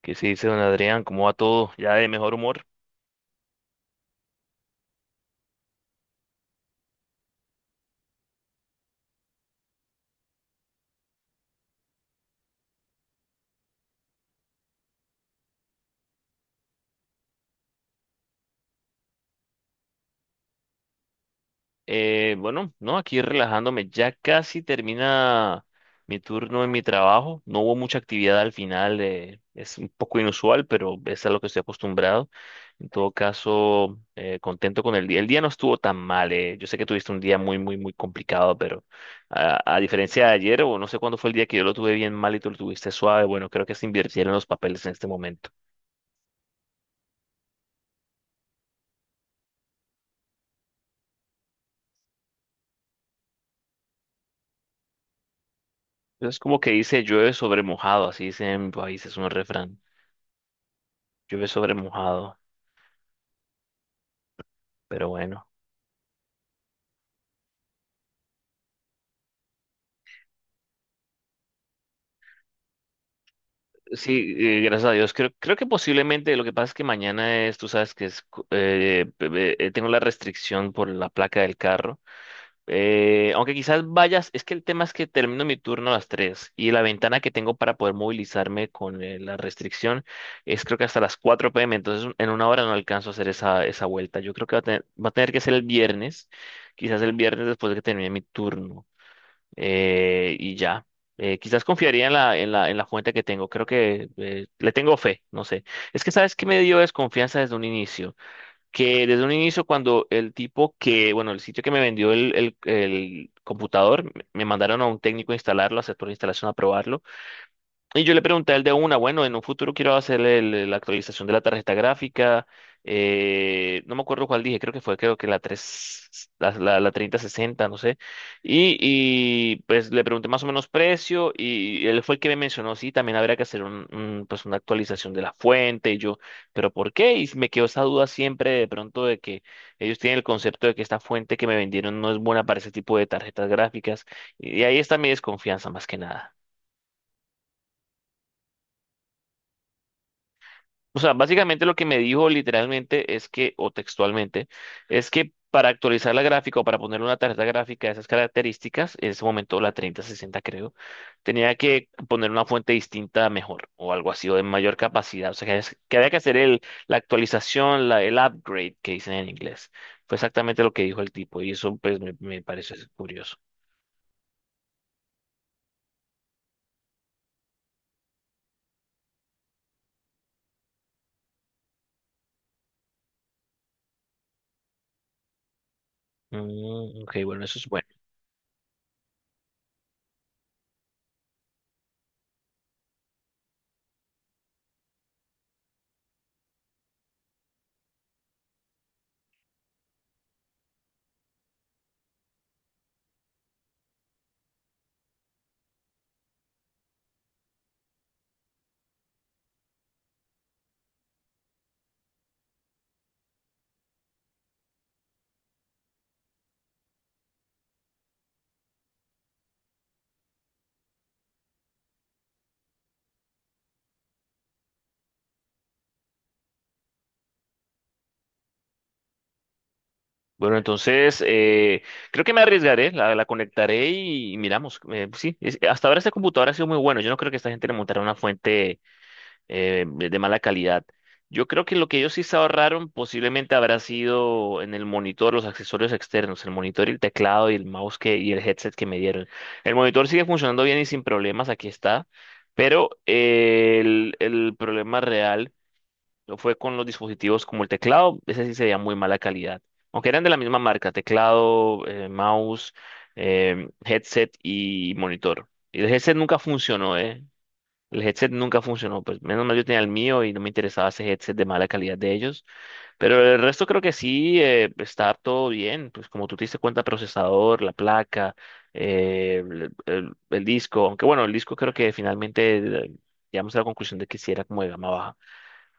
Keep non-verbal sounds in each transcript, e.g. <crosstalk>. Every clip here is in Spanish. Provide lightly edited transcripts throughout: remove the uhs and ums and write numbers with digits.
¿Qué se dice, don Adrián? ¿Cómo va todo? ¿Ya de mejor humor? Bueno, no, aquí relajándome. Ya casi termina mi turno en mi trabajo. No hubo mucha actividad al final. Es un poco inusual, pero es a lo que estoy acostumbrado. En todo caso, contento con el día. El día no estuvo tan mal. Yo sé que tuviste un día muy, muy, muy complicado, pero a diferencia de ayer, o no sé cuándo fue el día que yo lo tuve bien mal y tú lo tuviste suave, bueno, creo que se invirtieron los papeles en este momento. Es como que dice llueve sobre mojado, así dice en mi país, es un refrán. Llueve sobre mojado, pero bueno. Sí, gracias a Dios. Creo que posiblemente lo que pasa es que mañana es, tú sabes que es, tengo la restricción por la placa del carro. Aunque quizás vayas, es que el tema es que termino mi turno a las 3 y la ventana que tengo para poder movilizarme con la restricción es creo que hasta las 4 p.m. Entonces en una hora no alcanzo a hacer esa vuelta. Yo creo que va a tener que ser el viernes, quizás el viernes después de que termine mi turno. eh, y ya, Quizás confiaría en la fuente que tengo. Creo que le tengo fe, no sé. Es que sabes que me dio desconfianza desde un inicio que desde un inicio cuando el tipo que, bueno, el sitio que me vendió el computador, me mandaron a un técnico a instalarlo, a hacer toda la instalación, a probarlo. Y yo le pregunté al de una, bueno, en un futuro quiero hacerle la actualización de la tarjeta gráfica. No me acuerdo cuál dije, creo que fue, creo que la 3 la 3060, no sé. Y pues le pregunté más o menos precio y él fue el que me mencionó, sí, también habría que hacer pues una actualización de la fuente. Y yo, ¿pero por qué? Y me quedó esa duda siempre de pronto de que ellos tienen el concepto de que esta fuente que me vendieron no es buena para ese tipo de tarjetas gráficas. Y ahí está mi desconfianza más que nada. O sea, básicamente lo que me dijo literalmente es que, o textualmente, es que para actualizar la gráfica o para poner una tarjeta gráfica de esas características, en ese momento la 3060 creo, tenía que poner una fuente distinta mejor o algo así o de mayor capacidad. O sea, que, que había que hacer la actualización, el upgrade que dicen en inglés. Fue exactamente lo que dijo el tipo y eso pues me pareció curioso. Mm, ok, bueno, eso es bueno. Bueno, entonces creo que me arriesgaré, la conectaré y miramos. Pues sí, hasta ahora esta computadora ha sido muy bueno. Yo no creo que esta gente le montara una fuente de mala calidad. Yo creo que lo que ellos sí se ahorraron posiblemente habrá sido en el monitor, los accesorios externos, el monitor y el teclado y el mouse que, y el headset que me dieron. El monitor sigue funcionando bien y sin problemas, aquí está. Pero el problema real fue con los dispositivos como el teclado, ese sí sería muy mala calidad. Aunque eran de la misma marca, teclado, mouse, headset y monitor. Y el headset nunca funcionó, ¿eh? El headset nunca funcionó, pues menos mal yo tenía el mío y no me interesaba ese headset de mala calidad de ellos. Pero el resto creo que sí está todo bien, pues como tú te diste cuenta, procesador, la placa, el disco, aunque bueno, el disco creo que finalmente eh, llegamos a la conclusión de que sí era como de gama baja.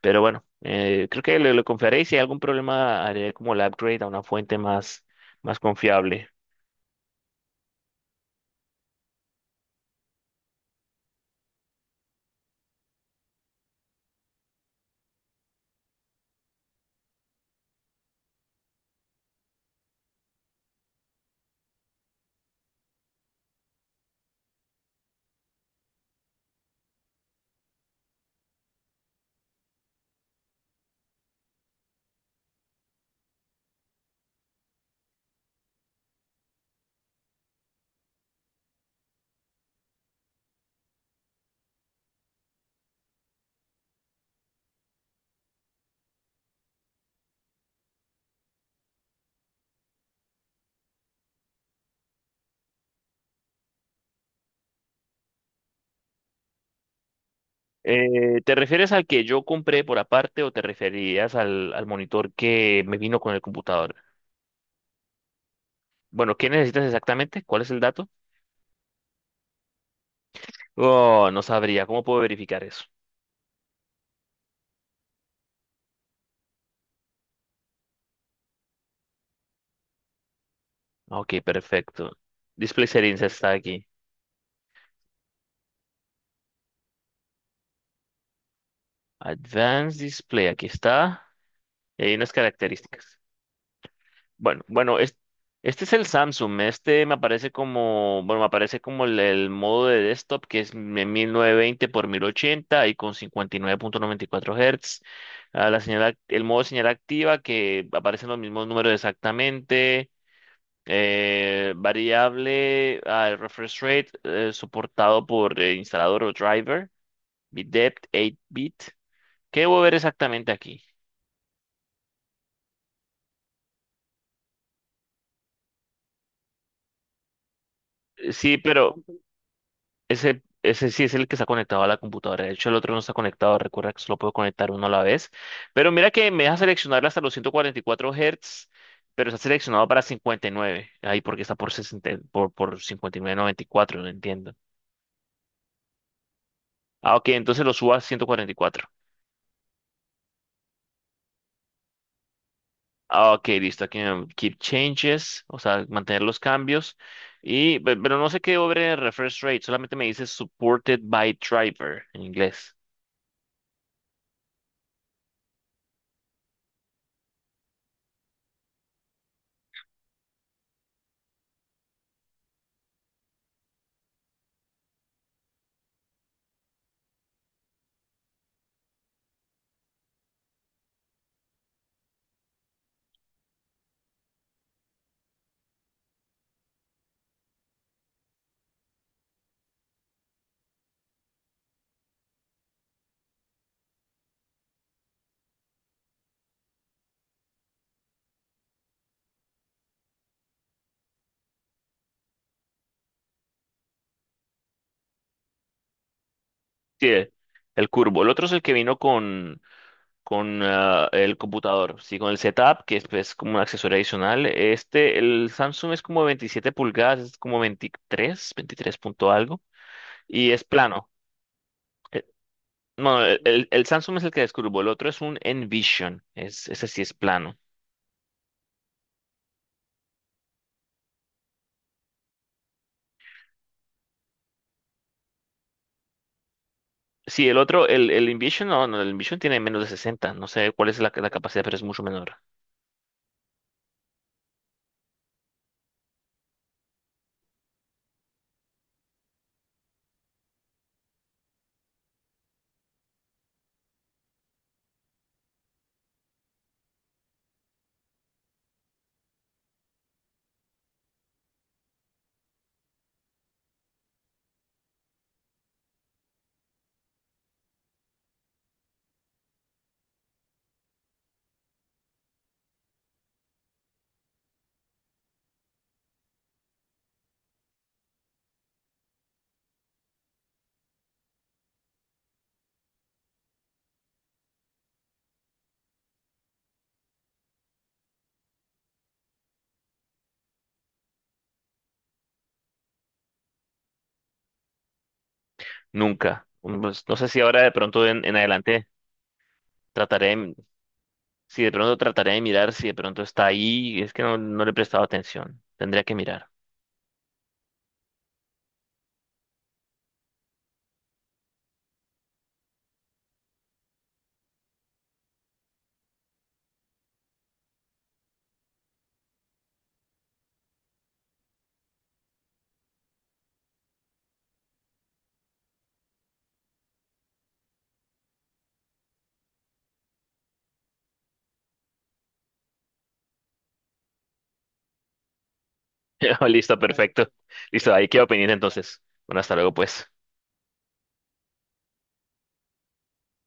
Pero bueno, creo que le confiaré y si hay algún problema haré como el upgrade a una fuente más, más confiable. ¿Te refieres al que yo compré por aparte o te referías al monitor que me vino con el computador? Bueno, ¿qué necesitas exactamente? ¿Cuál es el dato? Oh, no sabría. ¿Cómo puedo verificar eso? Ok, perfecto. Display Settings está aquí. Advanced Display, aquí está. Y hay unas características. Bueno, bueno, es- este es el Samsung. Este me aparece como, bueno, me aparece como el modo de desktop que es de 1920 por 1080 y con 59.94 Hz. Ah, la señal, el modo señal activa que aparecen los mismos números exactamente. Variable, ah, el refresh rate soportado por instalador o driver. Bit depth, 8 bit. ¿Qué debo ver exactamente aquí? Eh, Sí, pero, Ese, ese sí es el que está conectado a la computadora. De hecho, el otro no está conectado. Recuerda que solo puedo conectar uno a la vez. Pero mira que me deja seleccionar hasta los 144 Hz, pero está seleccionado para 59. Ahí porque está por 60, por 59.94, no entiendo. Ah, ok, entonces lo subo a 144. Ah, ok, listo. Aquí keep changes, o sea, mantener los cambios. Pero no sé qué over refresh rate, solamente me dice supported by driver en inglés. Sí, el curvo. El otro es el que vino con el computador, sí, con el setup, que es pues, como un accesorio adicional. Este, el Samsung es como 27 pulgadas, es como 23, 23 punto algo, y es plano. Eh, No, el- El Samsung es el que descubro, el otro es un Envision, es, ese sí es plano. Sí, el otro, el Envision, no, no, el Envision tiene menos de 60, no sé cuál es la capacidad, pero es mucho menor. Nunca. Mm, pues, no sé si ahora de pronto en adelante trataré. Si de pronto trataré de mirar, si de pronto está ahí, es que no, no le he prestado atención. Tendría que mirar. <laughs> Listo, bueno, perfecto. Listo, ahí quedo pendiente entonces. Bueno, hasta luego, pues.